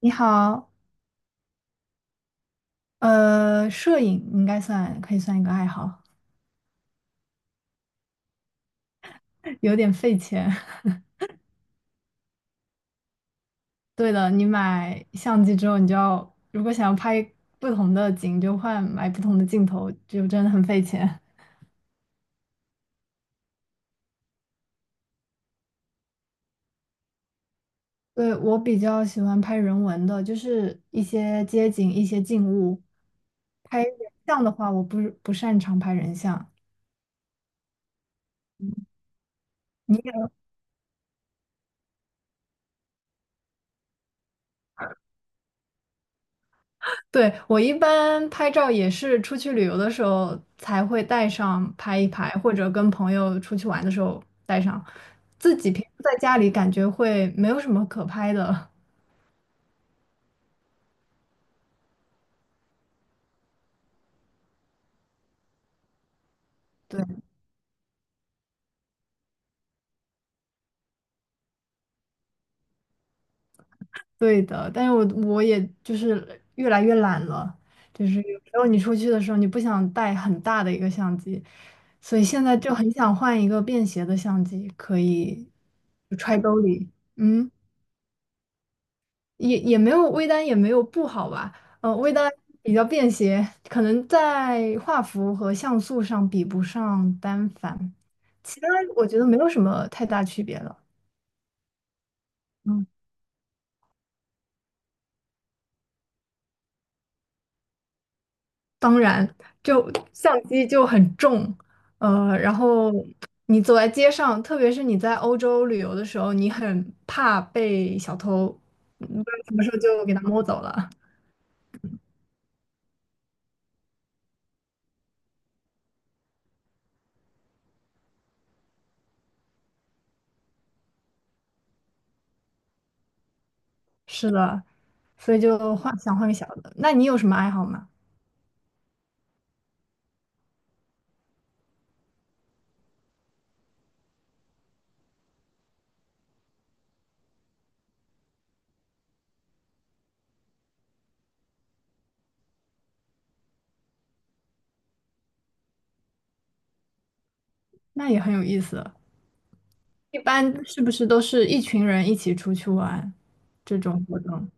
你好，摄影应该算可以算一个爱好，有点费钱。对的，你买相机之后，你就要如果想要拍不同的景，就换买不同的镜头，就真的很费钱。对，我比较喜欢拍人文的，就是一些街景、一些静物。拍人像的话，我不擅长拍人像。你？对，我一般拍照也是出去旅游的时候才会带上拍一拍，或者跟朋友出去玩的时候带上。自己平时在家里感觉会没有什么可拍的 对对的。但是我也就是越来越懒了，就是有时候你出去的时候你不想带很大的一个相机，所以现在就很想换一个便携的相机，可以就揣兜里。嗯。也没有微单也没有不好吧，微单比较便携，可能在画幅和像素上比不上单反，其他我觉得没有什么太大区别了。嗯，当然，就相机就很重，然后你走在街上，特别是你在欧洲旅游的时候，你很怕被小偷，嗯不知道什么时候就给他摸走了。是的，所以就换想换个小的。那你有什么爱好吗？那也很有意思。一般是不是都是一群人一起出去玩这种活动？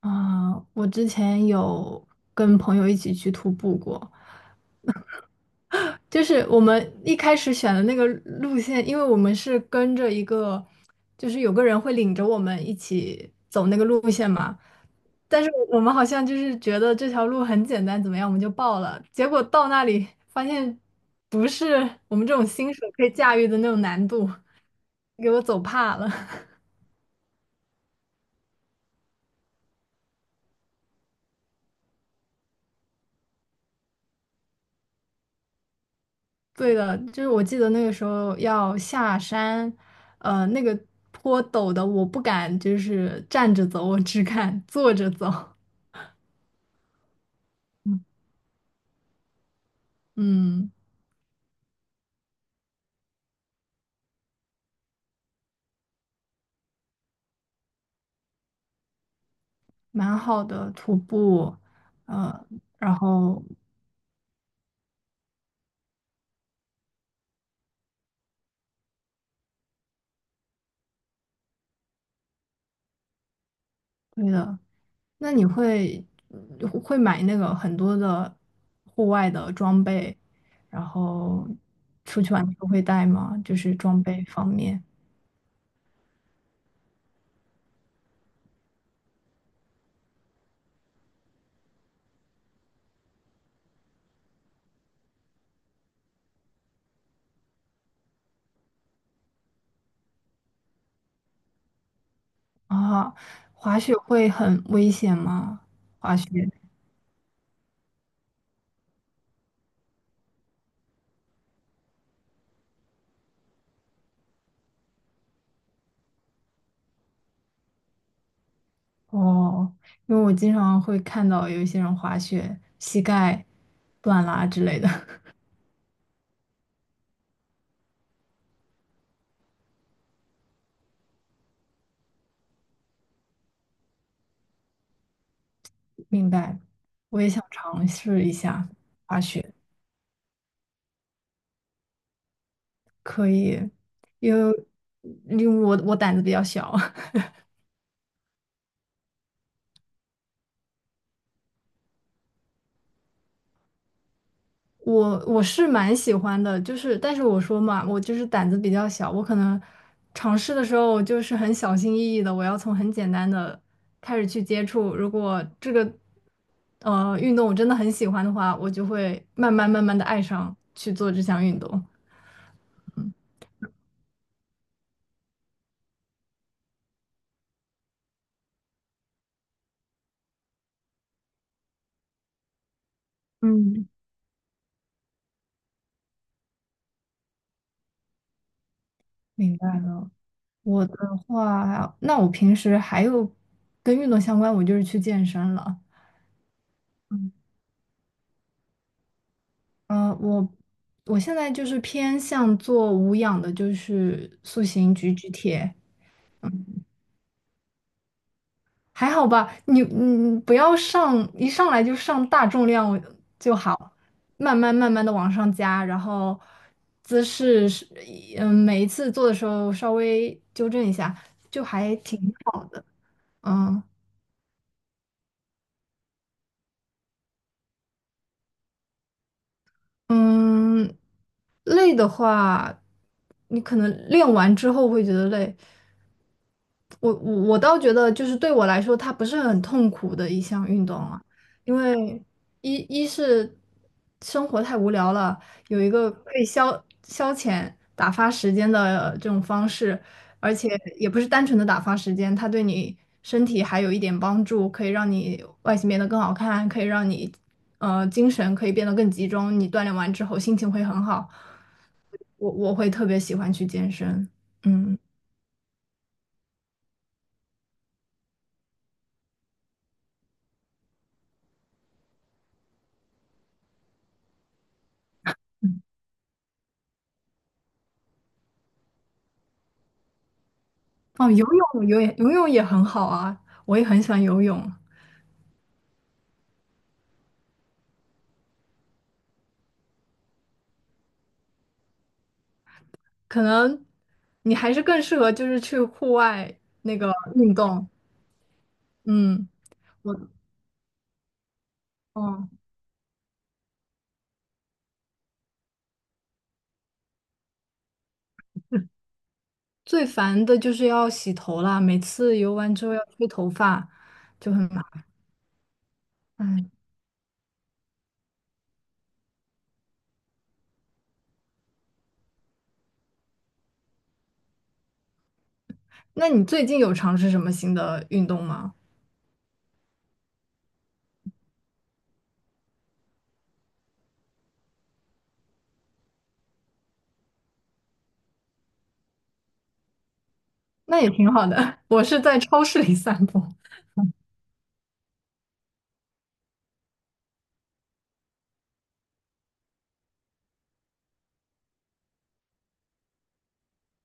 啊、我之前有跟朋友一起去徒步过，就是我们一开始选的那个路线，因为我们是跟着一个，就是有个人会领着我们一起走那个路线嘛。但是我们好像就是觉得这条路很简单，怎么样，我们就报了。结果到那里发现不是我们这种新手可以驾驭的那种难度，给我走怕了。对的，就是我记得那个时候要下山，那个坡陡的，我不敢就是站着走，我只敢坐着走。嗯，嗯蛮好的徒步，呃，然后对的，那你会嗯会买那个很多的户外的装备，然后出去玩的时候会带吗？就是装备方面啊，滑雪会很危险吗？滑雪？哦，因为我经常会看到有一些人滑雪膝盖断啦之类的，明白。我也想尝试一下，因为因为我胆子比较小，我是蛮喜欢的，就是但是我说嘛，我就是胆子比较小，我可能尝试的时候我就是很小心翼翼的，我要从很简单的开始去接触。如果这个运动我真的很喜欢的话，我就会慢慢慢慢的爱上去做这项运动。嗯，明白了。我的话，那我平时还有跟运动相关，我就是去健身了。嗯，我我现在就是偏向做无氧的，就是塑形举举铁，还好吧。你不要上一上来就上大重量就好，慢慢慢慢的往上加，然后姿势是嗯每一次做的时候稍微纠正一下，就还挺好的。嗯，嗯，累的话，你可能练完之后会觉得累，我倒觉得，就是对我来说，它不是很痛苦的一项运动啊，因为一一是生活太无聊了，有一个可以消消遣、打发时间的这种方式，而且也不是单纯的打发时间，它对你身体还有一点帮助，可以让你外形变得更好看，可以让你精神可以变得更集中，你锻炼完之后心情会很好，我会特别喜欢去健身，嗯。哦，游泳游泳游泳也很好啊，我也很喜欢游泳。可能你还是更适合就是去户外那个运动。嗯，我哦，最烦的就是要洗头啦，每次游完之后要吹头发，就很麻烦。嗯那你最近有尝试什么新的运动吗？那也挺好的，我是在超市里散步，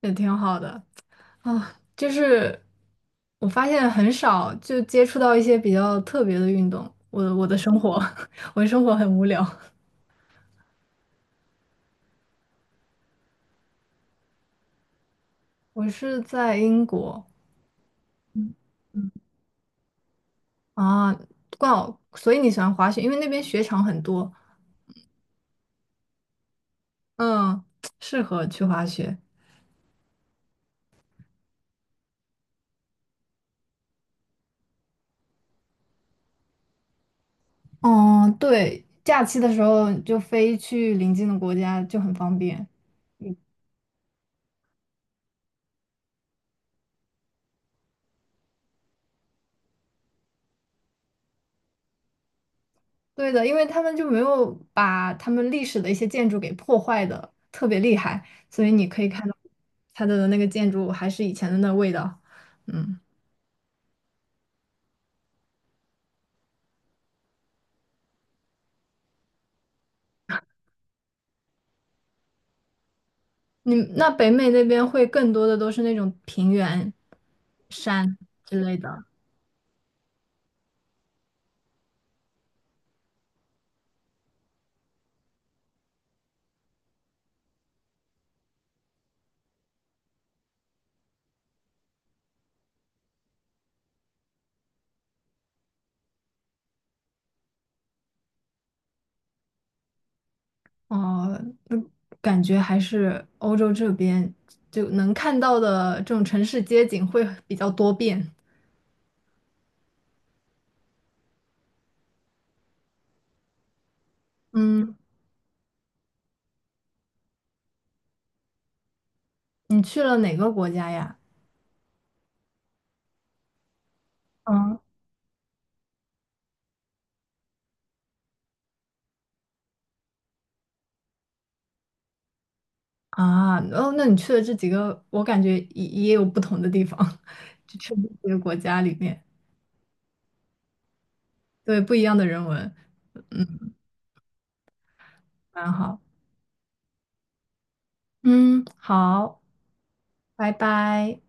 也挺好的。啊，就是我发现很少就接触到一些比较特别的运动。我的生活，我的生活很无聊。我是在英国啊，刚好，所以你喜欢滑雪，因为那边雪场很多，嗯，适合去滑雪。嗯，对，假期的时候就飞去邻近的国家就很方便。对的，因为他们就没有把他们历史的一些建筑给破坏的特别厉害，所以你可以看到它的那个建筑还是以前的那味道。嗯，你那北美那边会更多的都是那种平原、山之类的。哦，嗯感觉还是欧洲这边就能看到的这种城市街景会比较多变。嗯，你去了哪个国家呀？嗯。啊，哦，那你去的这几个，我感觉也有不同的地方，就去的这些国家里面，对，不一样的人文，嗯，蛮好，嗯，好，拜拜。